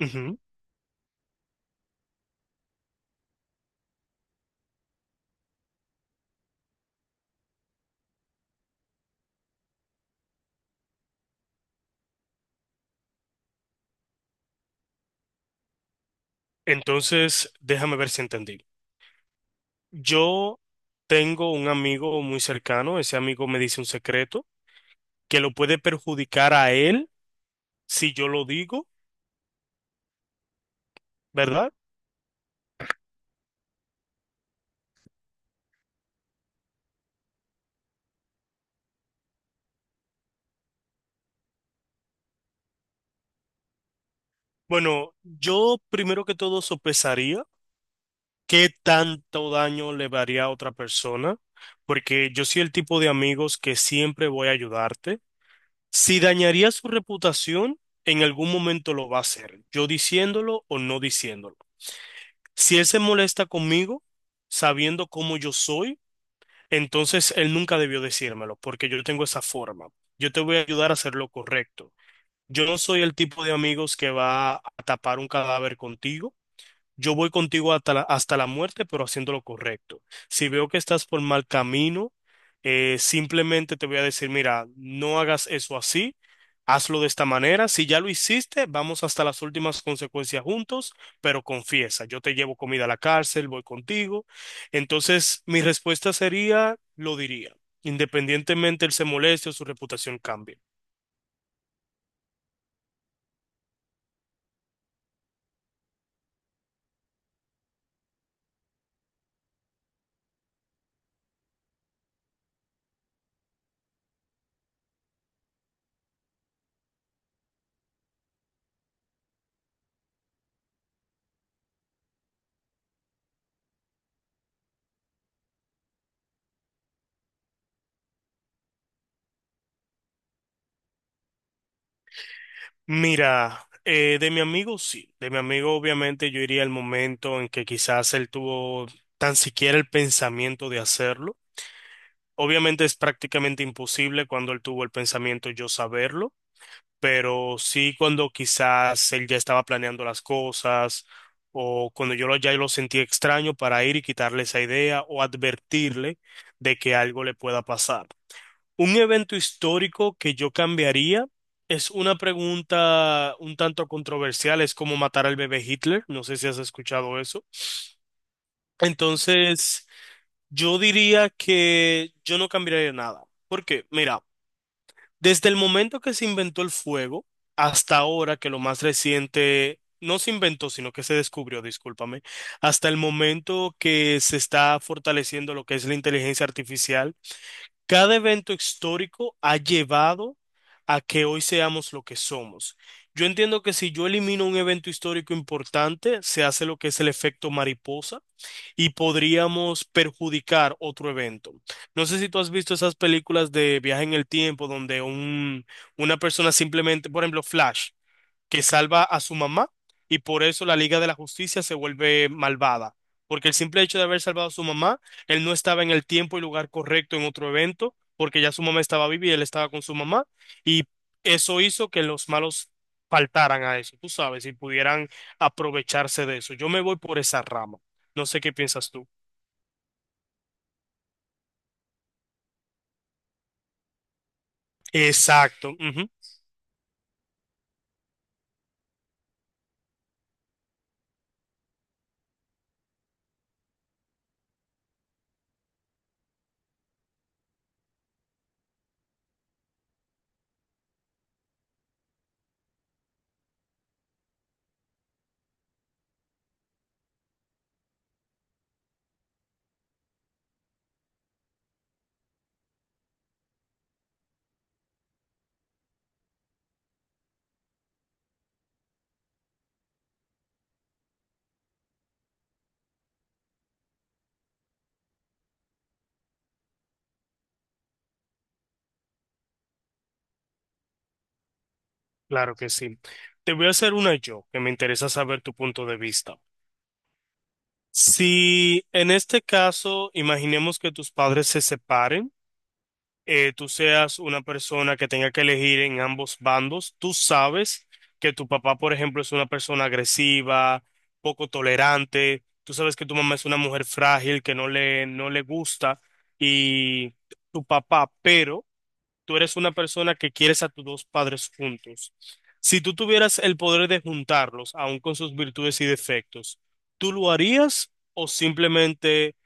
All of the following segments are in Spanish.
Ujú. Entonces, déjame ver si entendí. Yo tengo un amigo muy cercano, ese amigo me dice un secreto que lo puede perjudicar a él si yo lo digo, ¿verdad? Bueno, yo primero que todo sopesaría qué tanto daño le daría a otra persona, porque yo soy el tipo de amigos que siempre voy a ayudarte. Si dañaría su reputación, en algún momento lo va a hacer, yo diciéndolo o no diciéndolo. Si él se molesta conmigo, sabiendo cómo yo soy, entonces él nunca debió decírmelo, porque yo tengo esa forma. Yo te voy a ayudar a hacer lo correcto. Yo no soy el tipo de amigos que va a tapar un cadáver contigo. Yo voy contigo hasta la muerte, pero haciendo lo correcto. Si veo que estás por mal camino, simplemente te voy a decir, mira, no hagas eso así, hazlo de esta manera. Si ya lo hiciste, vamos hasta las últimas consecuencias juntos, pero confiesa, yo te llevo comida a la cárcel, voy contigo. Entonces, mi respuesta sería, lo diría, independientemente él se moleste o su reputación cambie. Mira, de mi amigo sí, de mi amigo obviamente yo iría al momento en que quizás él tuvo tan siquiera el pensamiento de hacerlo. Obviamente es prácticamente imposible cuando él tuvo el pensamiento yo saberlo, pero sí cuando quizás él ya estaba planeando las cosas o cuando yo lo, ya lo sentí extraño para ir y quitarle esa idea o advertirle de que algo le pueda pasar. Un evento histórico que yo cambiaría es una pregunta un tanto controversial, es cómo matar al bebé Hitler, no sé si has escuchado eso. Entonces, yo diría que yo no cambiaría nada, porque mira, desde el momento que se inventó el fuego hasta ahora, que lo más reciente, no se inventó, sino que se descubrió, discúlpame, hasta el momento que se está fortaleciendo lo que es la inteligencia artificial. Cada evento histórico ha llevado a que hoy seamos lo que somos. Yo entiendo que si yo elimino un evento histórico importante, se hace lo que es el efecto mariposa y podríamos perjudicar otro evento. No sé si tú has visto esas películas de viaje en el tiempo donde una persona simplemente, por ejemplo, Flash, que salva a su mamá y por eso la Liga de la Justicia se vuelve malvada. Porque el simple hecho de haber salvado a su mamá, él no estaba en el tiempo y lugar correcto en otro evento, porque ya su mamá estaba viva y él estaba con su mamá, y eso hizo que los malos faltaran a eso, tú sabes, y pudieran aprovecharse de eso. Yo me voy por esa rama. No sé qué piensas tú. Exacto. Ujú. Claro que sí. Te voy a hacer una yo, que me interesa saber tu punto de vista. Si en este caso imaginemos que tus padres se separen, tú seas una persona que tenga que elegir en ambos bandos, tú sabes que tu papá, por ejemplo, es una persona agresiva, poco tolerante, tú sabes que tu mamá es una mujer frágil que no le gusta y tu papá, pero tú eres una persona que quieres a tus dos padres juntos. Si tú tuvieras el poder de juntarlos, aun con sus virtudes y defectos, ¿tú lo harías o simplemente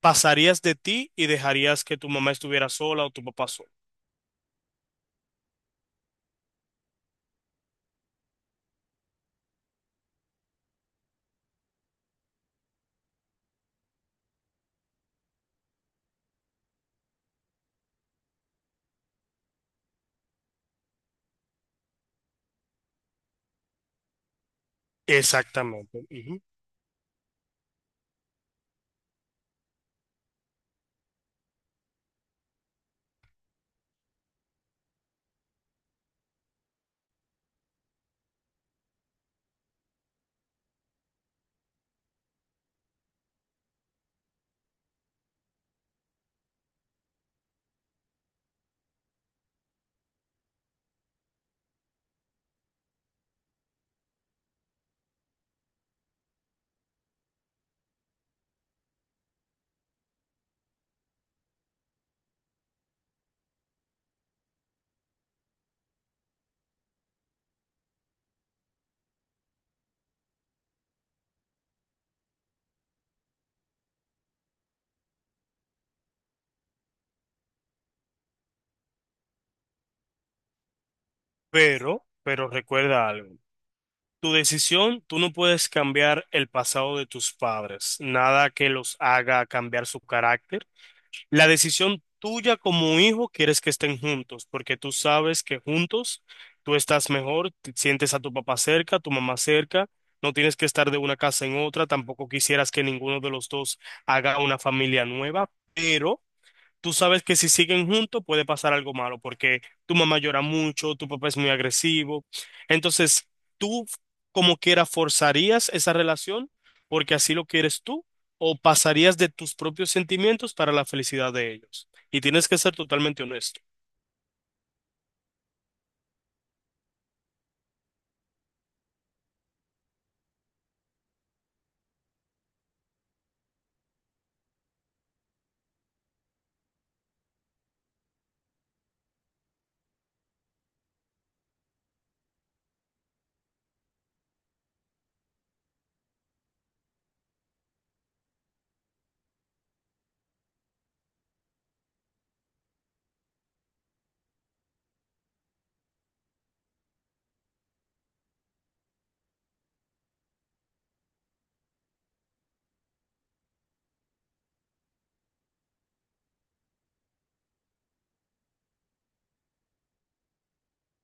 pasarías de ti y dejarías que tu mamá estuviera sola o tu papá solo? Exactamente. Ujú. Pero recuerda algo. Tu decisión, tú no puedes cambiar el pasado de tus padres, nada que los haga cambiar su carácter. La decisión tuya como hijo quieres que estén juntos, porque tú sabes que juntos tú estás mejor, te sientes a tu papá cerca, a tu mamá cerca, no tienes que estar de una casa en otra, tampoco quisieras que ninguno de los dos haga una familia nueva, tú sabes que si siguen juntos puede pasar algo malo, porque tu mamá llora mucho, tu papá es muy agresivo. Entonces, tú como quiera forzarías esa relación porque así lo quieres tú o pasarías de tus propios sentimientos para la felicidad de ellos. Y tienes que ser totalmente honesto.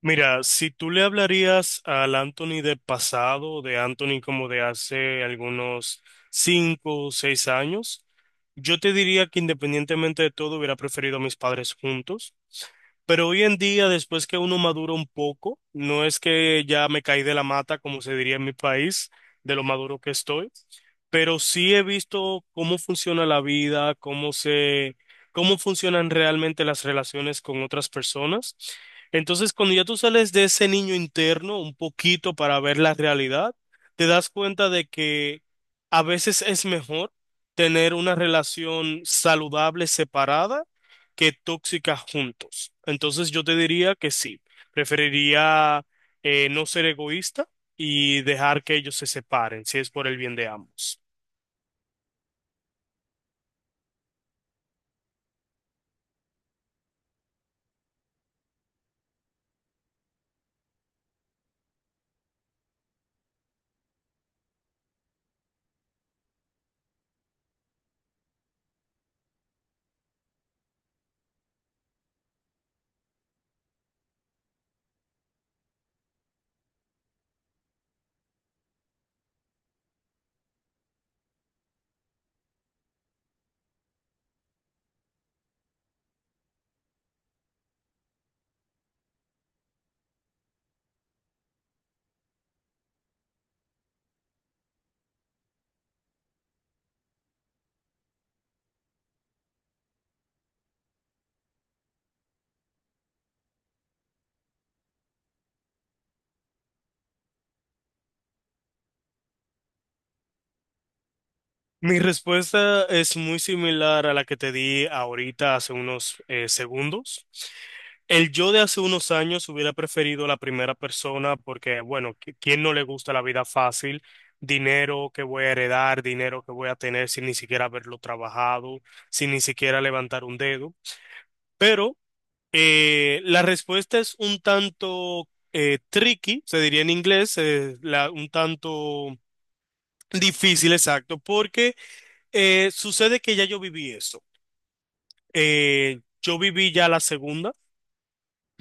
Mira, si tú le hablarías al Anthony del pasado, de Anthony como de hace algunos 5 o 6 años, yo te diría que independientemente de todo hubiera preferido a mis padres juntos, pero hoy en día, después que uno madura un poco, no es que ya me caí de la mata, como se diría en mi país, de lo maduro que estoy, pero sí he visto cómo funciona la vida, cómo funcionan realmente las relaciones con otras personas. Entonces, cuando ya tú sales de ese niño interno un poquito para ver la realidad, te das cuenta de que a veces es mejor tener una relación saludable separada que tóxica juntos. Entonces yo te diría que sí, preferiría no ser egoísta y dejar que ellos se separen, si es por el bien de ambos. Mi respuesta es muy similar a la que te di ahorita hace unos segundos. El yo de hace unos años hubiera preferido la primera persona porque, bueno, ¿quién no le gusta la vida fácil? Dinero que voy a heredar, dinero que voy a tener sin ni siquiera haberlo trabajado, sin ni siquiera levantar un dedo. Pero la respuesta es un tanto tricky, se diría en inglés, un tanto difícil, exacto, porque... sucede que ya yo viví eso. Yo viví ya la segunda.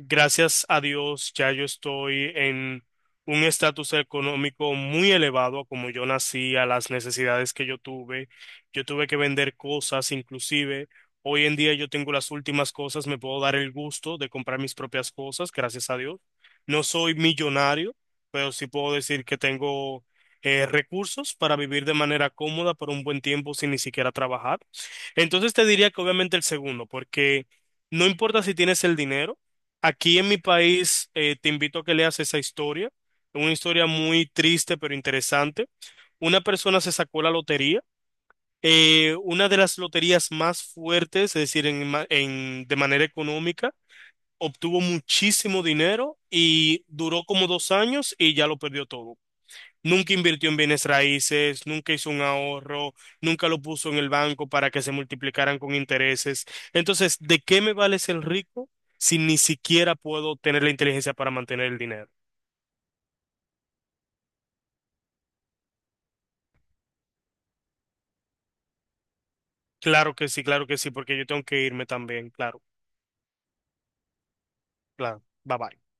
Gracias a Dios, ya yo estoy en un estatus económico muy elevado, como yo nací, a las necesidades que yo tuve. Yo tuve que vender cosas, inclusive hoy en día yo tengo las últimas cosas, me puedo dar el gusto de comprar mis propias cosas, gracias a Dios. No soy millonario, pero sí puedo decir que tengo recursos para vivir de manera cómoda por un buen tiempo sin ni siquiera trabajar. Entonces te diría que obviamente el segundo, porque no importa si tienes el dinero. Aquí en mi país te invito a que leas esa historia, una historia muy triste pero interesante. Una persona se sacó la lotería, una de las loterías más fuertes, es decir, de manera económica, obtuvo muchísimo dinero y duró como 2 años y ya lo perdió todo. Nunca invirtió en bienes raíces, nunca hizo un ahorro, nunca lo puso en el banco para que se multiplicaran con intereses. Entonces, ¿de qué me vale ser rico si ni siquiera puedo tener la inteligencia para mantener el dinero? Claro que sí, porque yo tengo que irme también, claro, claro. Bye bye.